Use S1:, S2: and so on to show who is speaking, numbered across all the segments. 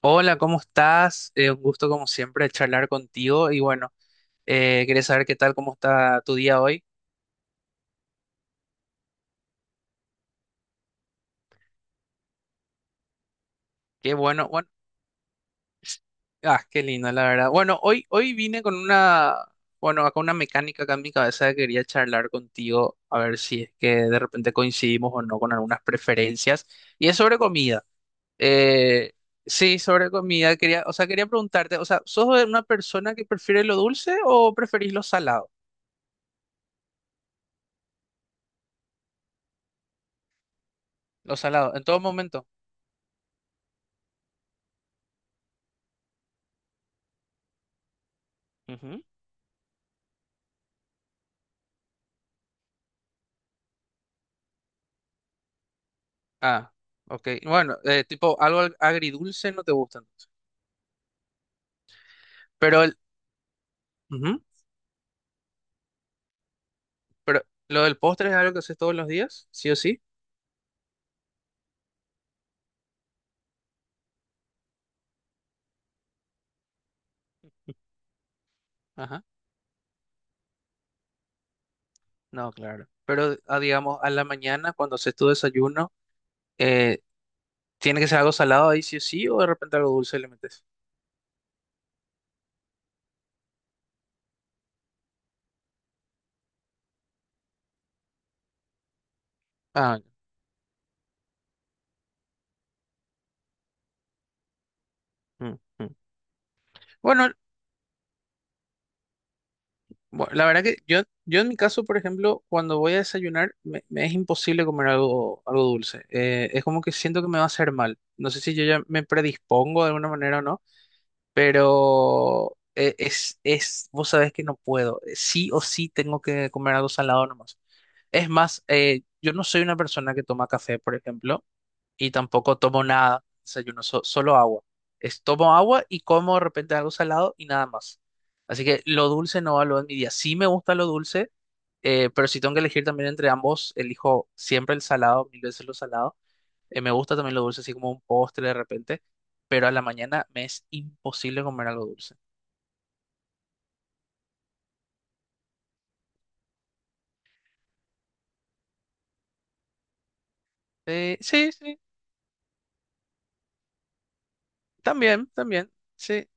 S1: Hola, ¿cómo estás? Un gusto como siempre charlar contigo y bueno, quería saber qué tal, cómo está tu día hoy. Qué bueno, bueno, ah, qué lindo, la verdad. Bueno, hoy vine con una, bueno, acá una mecánica acá en mi cabeza que quería charlar contigo a ver si es que de repente coincidimos o no con algunas preferencias y es sobre comida. Eh, sí, sobre comida, quería, o sea, quería preguntarte, o sea, ¿sos de una persona que prefiere lo dulce o preferís lo salado? Lo salado, en todo momento. Ah, ok. Bueno, tipo algo agridulce no te gustan. Pero el, ujú, pero lo del postre es algo que haces todos los días, sí o sí. Ajá. No, claro. Pero ah, digamos a la mañana cuando haces tu desayuno, eh, tiene que ser algo salado ahí sí o sí o de repente algo dulce le metes. Ah, mm, mm. Bueno, la verdad que yo en mi caso, por ejemplo, cuando voy a desayunar me es imposible comer algo dulce. Es como que siento que me va a hacer mal. No sé si yo ya me predispongo de alguna manera o no. Pero es, vos sabés que no puedo. Sí o sí tengo que comer algo salado nomás. Es más, yo no soy una persona que toma café, por ejemplo, y tampoco tomo nada, desayuno, solo agua. Es, tomo agua y como de repente algo salado y nada más. Así que lo dulce no va lo de mi día. Sí me gusta lo dulce, pero si tengo que elegir también entre ambos, elijo siempre el salado, mil veces lo salado. Me gusta también lo dulce, así como un postre de repente, pero a la mañana me es imposible comer algo dulce. Sí, sí, también, también, sí.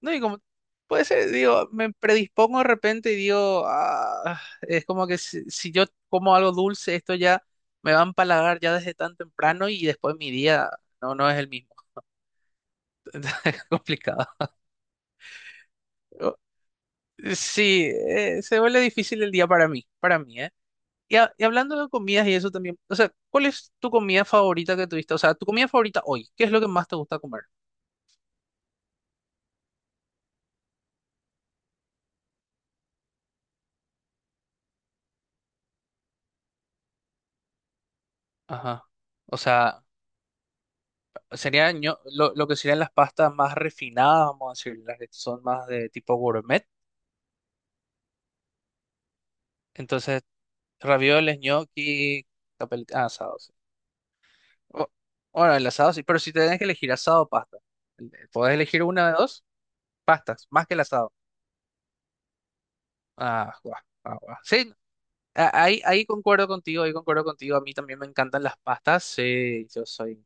S1: No, y como puede ser, digo, me predispongo de repente y digo, "Ah", es como que si yo como algo dulce, esto ya me va a empalagar ya desde tan temprano y después mi día no es el mismo. Entonces, es complicado. O- Sí, se vuelve difícil el día para mí, ¿eh? Y, y hablando de comidas y eso también, o sea, ¿cuál es tu comida favorita que tuviste? O sea, tu comida favorita hoy, ¿qué es lo que más te gusta comer? Ajá. O sea, sería lo que serían las pastas más refinadas, vamos a decir, las que son más de tipo gourmet. Entonces, ravioles, gnocchi, ah, asados. O- Bueno, el asado sí, pero si tenés que elegir asado o pasta, podés elegir una de dos pastas, más que el asado. Ah, guau, ah, guau. Sí, ahí, ahí concuerdo contigo, ahí concuerdo contigo. A mí también me encantan las pastas. Sí, yo soy.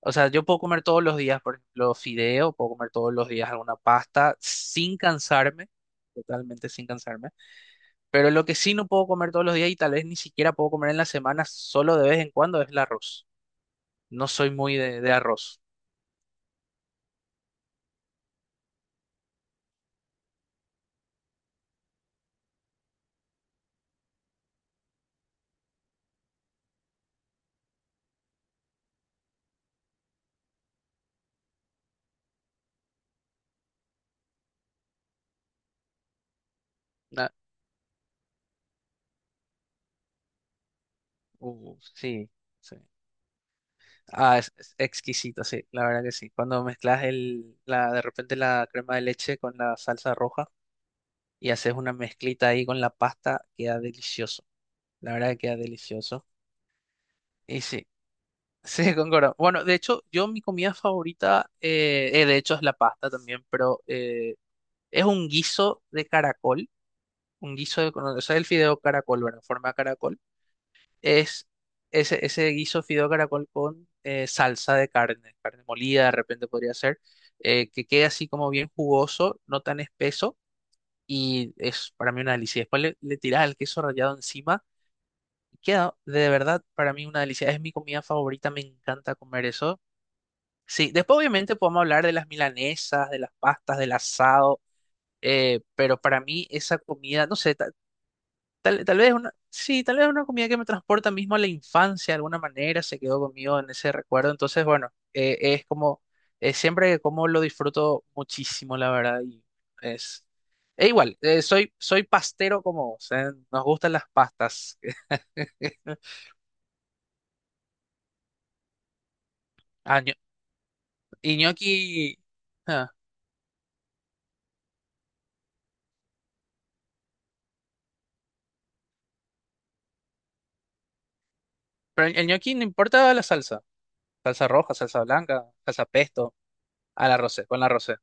S1: O sea, yo puedo comer todos los días, por ejemplo, fideo, puedo comer todos los días alguna pasta sin cansarme, totalmente sin cansarme. Pero lo que sí no puedo comer todos los días y tal vez ni siquiera puedo comer en la semana, solo de vez en cuando, es el arroz. No soy muy de arroz. Na- sí, sí. Ah, es exquisito, sí, la verdad que sí. Cuando mezclas de repente la crema de leche con la salsa roja. Y haces una mezclita ahí con la pasta, queda delicioso. La verdad que queda delicioso. Y sí, sí, concuerdo. Bueno, de hecho, yo mi comida favorita, de hecho, es la pasta también, pero es un guiso de caracol, un guiso de, o sea, el fideo caracol, ¿verdad? En forma de caracol. Es ese guiso fideo caracol con salsa de carne, carne molida de repente podría ser, que quede así como bien jugoso, no tan espeso, y es para mí una delicia. Después le tirás el queso rallado encima. Queda de verdad para mí una delicia. Es mi comida favorita, me encanta comer eso. Sí, después obviamente podemos hablar de las milanesas, de las pastas, del asado, pero para mí esa comida, no sé, tal vez una, sí, tal vez una comida que me transporta mismo a la infancia de alguna manera, se quedó conmigo en ese recuerdo. Entonces, bueno, es como, siempre que como lo disfruto muchísimo, la verdad, y es, e igual, soy pastero como vos, nos gustan las pastas. Ah, y gnocchi. Ah, pero el gnocchi no importa la salsa. Salsa roja, salsa blanca, salsa pesto. A la rosé, con la rosé.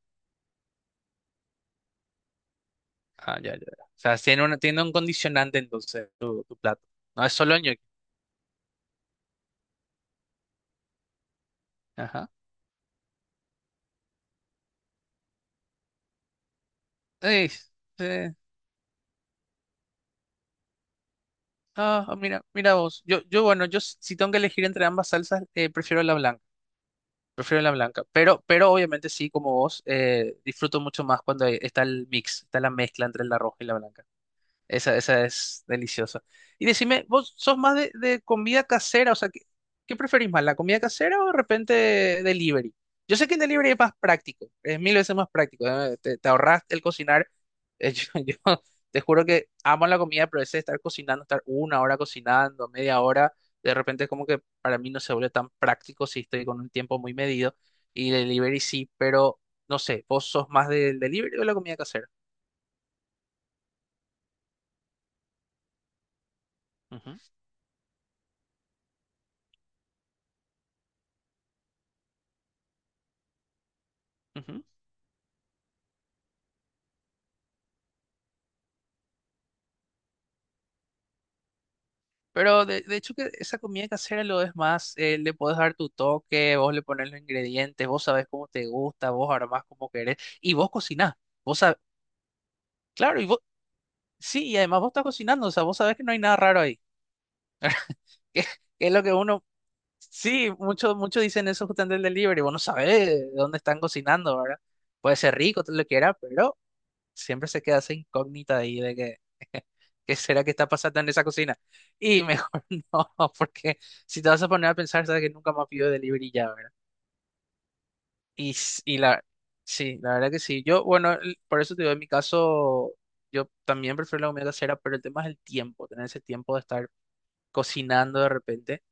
S1: Ah, ya, ya, ya. O sea, tiene un condicionante entonces tu plato. No es solo gnocchi. Ajá. Ey, eh, ah, ah, mira, mira vos. Yo, bueno, si tengo que elegir entre ambas salsas, prefiero la blanca. Prefiero la blanca. Pero obviamente sí, como vos, disfruto mucho más cuando está el mix, está la mezcla entre la roja y la blanca. Esa es deliciosa. Y decime, ¿vos sos más de comida casera? O sea, ¿qué, qué preferís más, la comida casera o de repente delivery? Yo sé que el delivery es más práctico, es mil veces más práctico. ¿Eh? Te ahorras el cocinar. Yo te juro que amo la comida, pero ese de estar cocinando, estar una hora cocinando, media hora, de repente es como que para mí no se vuelve tan práctico si estoy con un tiempo muy medido. Y delivery sí, pero no sé, ¿vos sos más del delivery o de la comida casera? Ujú, ujú. Pero de hecho que esa comida casera lo es más, le puedes dar tu toque, vos le pones los ingredientes, vos sabés cómo te gusta, vos armás como querés, y vos cocinás, vos sabés, claro, y vos, sí, y además vos estás cocinando, o sea, vos sabés que no hay nada raro ahí, que, que es lo que uno, sí, muchos muchos dicen eso justamente del delivery, vos no sabés de dónde están cocinando, ¿verdad? Puede ser rico, todo lo que era, pero siempre se queda esa incógnita ahí de que, ¿qué será que está pasando en esa cocina? Y mejor no, porque si te vas a poner a pensar, sabes que nunca más pido delivery ya, ¿verdad? Y, y la, sí, la verdad que sí. Yo, bueno, por eso te digo, en mi caso, yo también prefiero la comida casera, pero el tema es el tiempo, tener ese tiempo de estar cocinando de repente.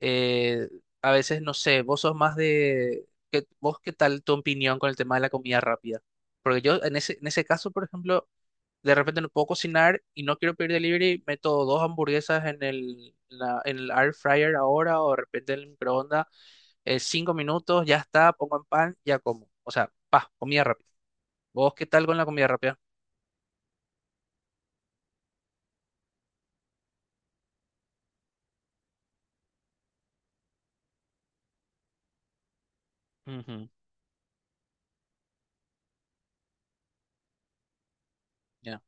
S1: Eh, a veces, no sé, vos sos más de, vos qué tal tu opinión con el tema de la comida rápida? Porque yo en ese caso, por ejemplo, de repente no puedo cocinar y no quiero pedir delivery, meto dos hamburguesas en en el air fryer ahora o de repente en el microondas, cinco minutos, ya está, pongo en pan, ya como. O sea, pa, comida rápida. ¿Vos qué tal con la comida rápida? Ujú, ya.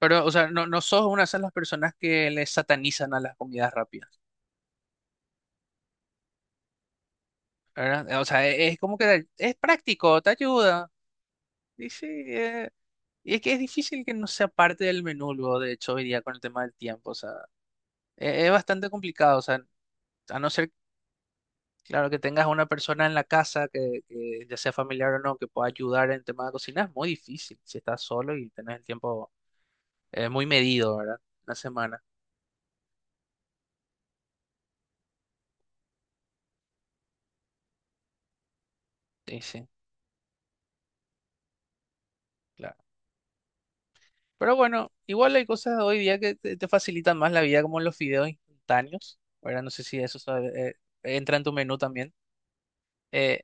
S1: Pero, o sea, no, no sos una de las personas que le satanizan a las comidas rápidas, ¿verdad? O sea, es, como que es práctico, te ayuda. Y sí, y es que es difícil que no sea parte del menú, luego, de hecho, hoy día con el tema del tiempo, o sea, es bastante complicado, o sea, a no ser, claro, que tengas una persona en la casa que ya sea familiar o no, que pueda ayudar en tema de cocina, es muy difícil si estás solo y tenés el tiempo muy medido, ¿verdad? Una semana. Sí, sí, claro. Pero bueno, igual hay cosas hoy día que te facilitan más la vida, como los fideos instantáneos, ¿verdad? No sé si eso sabe- entra en tu menú también. Eh,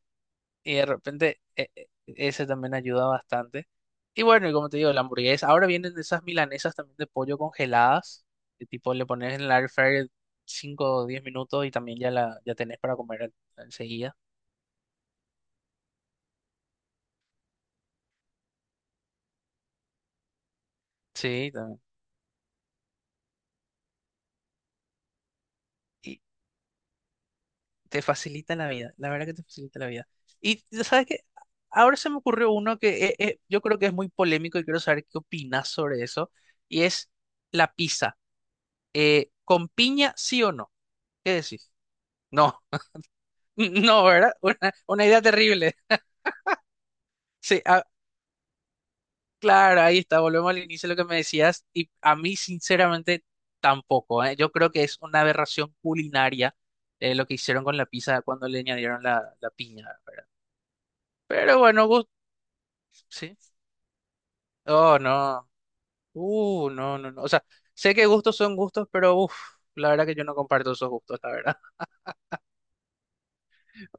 S1: Y de repente ese también ayuda bastante. Y bueno, y como te digo, la hamburguesa. Ahora vienen esas milanesas también de pollo congeladas, que tipo le pones en el air fryer 5 o 10 minutos y también ya la ya tenés para comer enseguida. Sí, también. Y te facilita la vida, la verdad que te facilita la vida. Y sabes que ahora se me ocurrió uno que yo creo que es muy polémico y quiero saber qué opinas sobre eso, y es la pizza. ¿Con piña sí o no? ¿Qué decís? No, no, ¿verdad? Una idea terrible. Sí, ah, claro, ahí está, volvemos al inicio de lo que me decías. Y a mí, sinceramente, tampoco, ¿eh? Yo creo que es una aberración culinaria lo que hicieron con la pizza cuando le añadieron la piña, ¿verdad? Pero bueno, gusto, sí. Oh, no. No, no, no. O sea, sé que gustos son gustos, pero uff, la verdad que yo no comparto esos gustos, la verdad.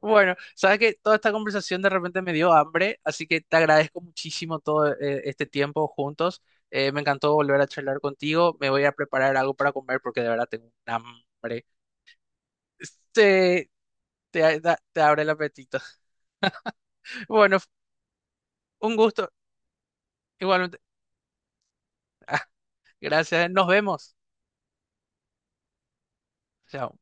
S1: Bueno, sabes que toda esta conversación de repente me dio hambre, así que te agradezco muchísimo todo este tiempo juntos. Me encantó volver a charlar contigo. Me voy a preparar algo para comer porque de verdad tengo un hambre. Te, Te abre el apetito. Bueno, un gusto. Igualmente. Gracias. Nos vemos. Chao.